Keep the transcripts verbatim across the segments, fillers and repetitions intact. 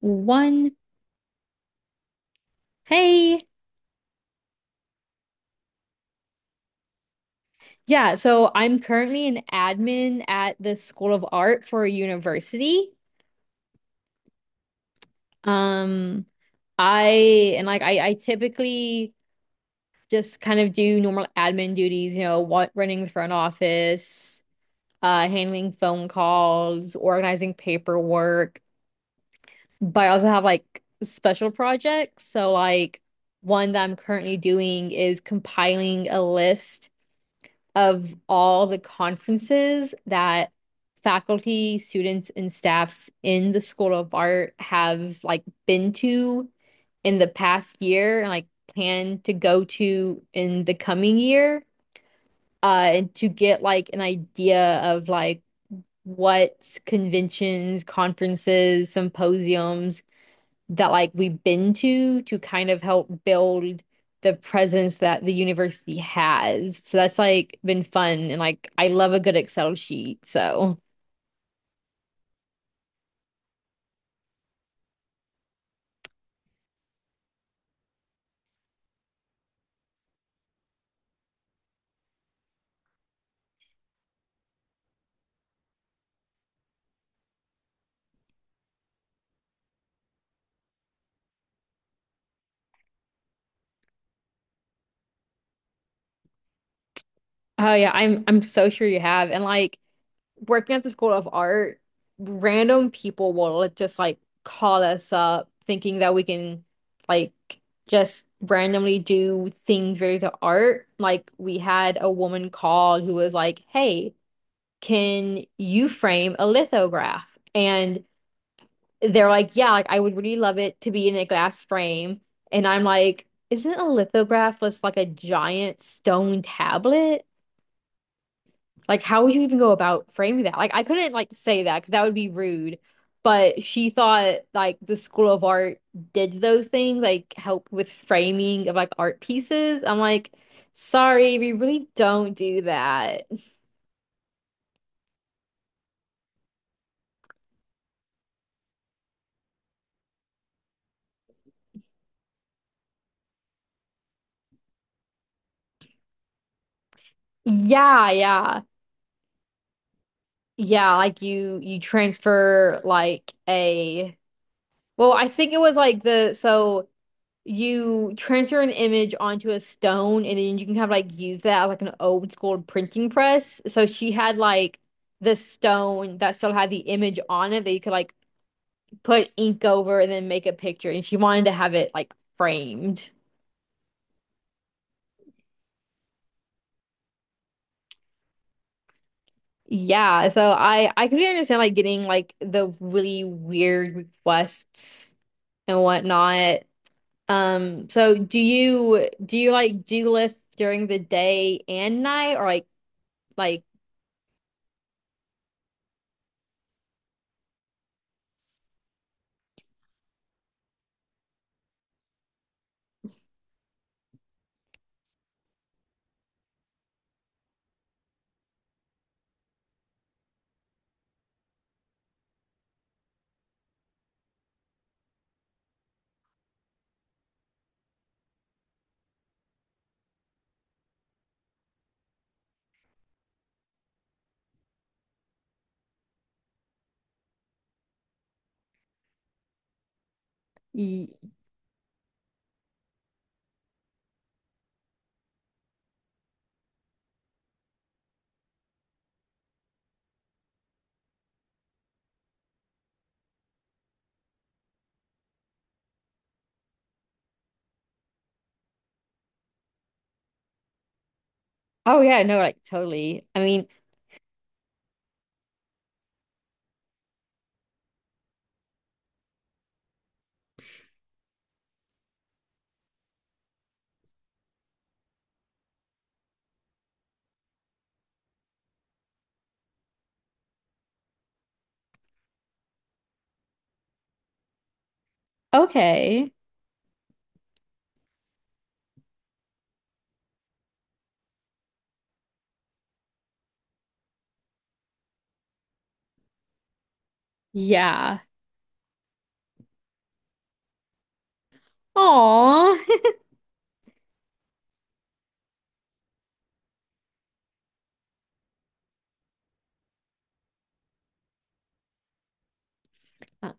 One. Hey. Yeah, so I'm currently an admin at the School of Art for a university. Um, I and like I, I typically just kind of do normal admin duties, you know, what running the front office, uh, handling phone calls, organizing paperwork. But I also have like special projects. So like one that I'm currently doing is compiling a list of all the conferences that faculty, students, and staffs in the School of Art have like been to in the past year and like plan to go to in the coming year, uh, and to get like an idea of like what conventions, conferences, symposiums that like we've been to to kind of help build the presence that the university has. So that's like been fun and like I love a good Excel sheet. So oh yeah, I'm I'm so sure you have. And like working at the School of Art, random people will like, just like call us up thinking that we can like just randomly do things related to art. Like we had a woman call who was like, "Hey, can you frame a lithograph? And they're like, yeah, like I would really love it to be in a glass frame." And I'm like, isn't a lithograph just like a giant stone tablet? Like, how would you even go about framing that? Like, I couldn't like say that 'cause that would be rude. But she thought like the School of Art did those things, like help with framing of like art pieces. I'm like, sorry, we really don't do that. Yeah, yeah. Yeah, like you you transfer like a well, I think it was like the so you transfer an image onto a stone and then you can kind of like use that as like an old school printing press. So she had like the stone that still had the image on it that you could like put ink over and then make a picture and she wanted to have it like framed. Yeah, so I I could understand like getting like the really weird requests and whatnot. Um, so do you do you like do lift during the day and night or like like y oh yeah, no, like totally. I mean, okay. Yeah. Aw. Uh,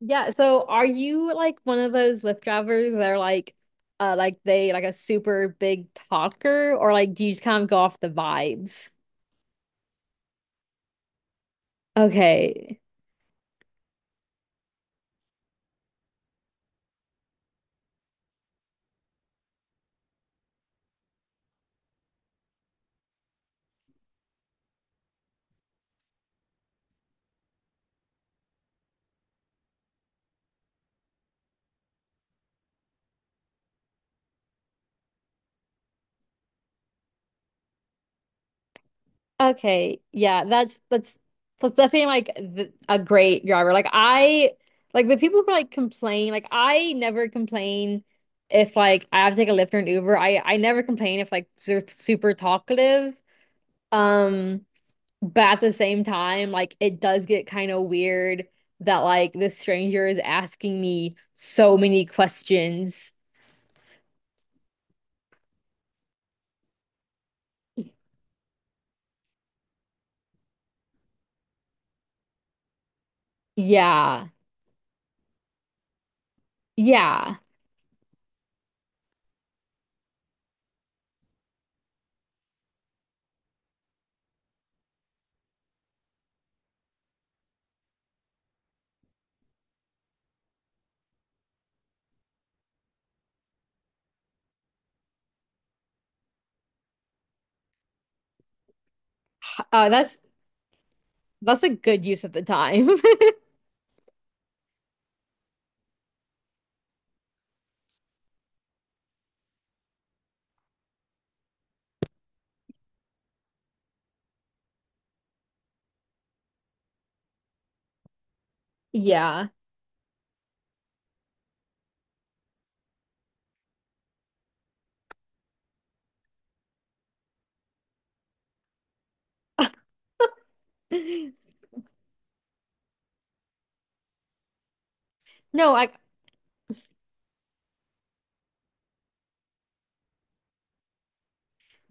Yeah, so are you like one of those Lyft drivers that are like uh like they like a super big talker or like do you just kind of go off the vibes? Okay. Okay, yeah, that's that's that's definitely like th a great driver. Like I like the people who like complain. Like I never complain if like I have to take a Lyft or an Uber. I I never complain if like they're super talkative. Um, but at the same time, like it does get kind of weird that like this stranger is asking me so many questions. Yeah, yeah. Uh, that's that's a good use of the time. Yeah. No, I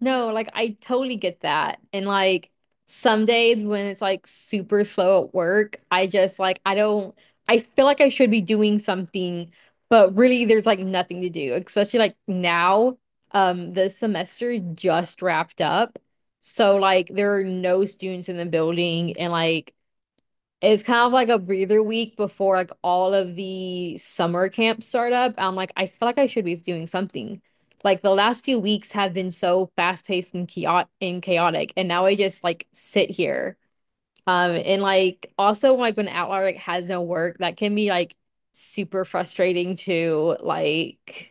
no, like I totally get that. And like some days when it's like super slow at work, I just like I don't I feel like I should be doing something, but really there's like nothing to do, especially like now. Um, the semester just wrapped up. So like there are no students in the building and like it's kind of like a breather week before like all of the summer camps start up. I'm like, I feel like I should be doing something. Like the last few weeks have been so fast-paced and chaotic and chaotic, and now I just like sit here. Um, and like also like when Outlier like has no work, that can be like super frustrating too. Like,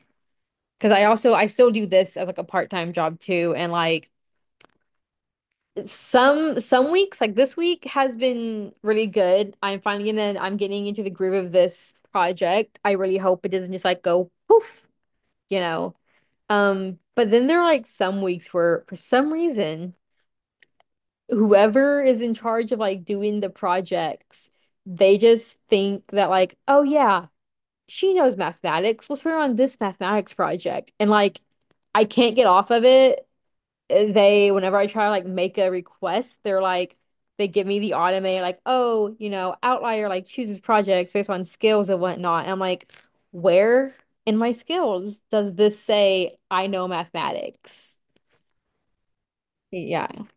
because I also I still do this as like a part-time job too, and like some some weeks, like this week, has been really good. I'm finally in and I'm getting into the groove of this project. I really hope it doesn't just like go poof, you know. Um, but then there are like some weeks where for some reason, whoever is in charge of like doing the projects, they just think that like, oh yeah, she knows mathematics. Let's put her on this mathematics project. And like I can't get off of it they whenever I try to like make a request, they're like they give me the automated like, oh, you know, outlier like chooses projects based on skills and whatnot. And I'm like, where in my skills does this say I know mathematics? Yeah.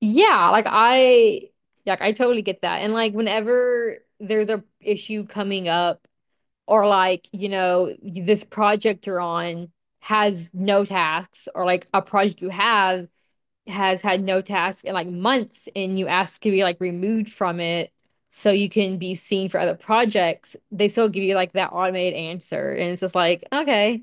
Yeah, like I like I totally get that. And like whenever there's a issue coming up or like, you know, this project you're on has no tasks or like a project you have has had no task in like months and you ask to be like removed from it so you can be seen for other projects, they still give you like that automated answer. And it's just like, okay,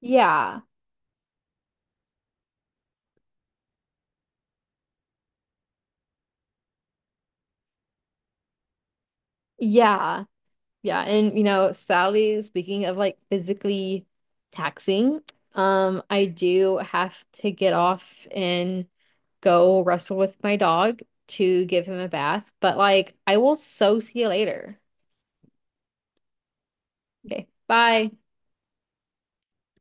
yeah, yeah, yeah. And you know, sadly, speaking of like physically taxing, um, I do have to get off and go wrestle with my dog to give him a bath. But like, I will so see you later. Okay, bye.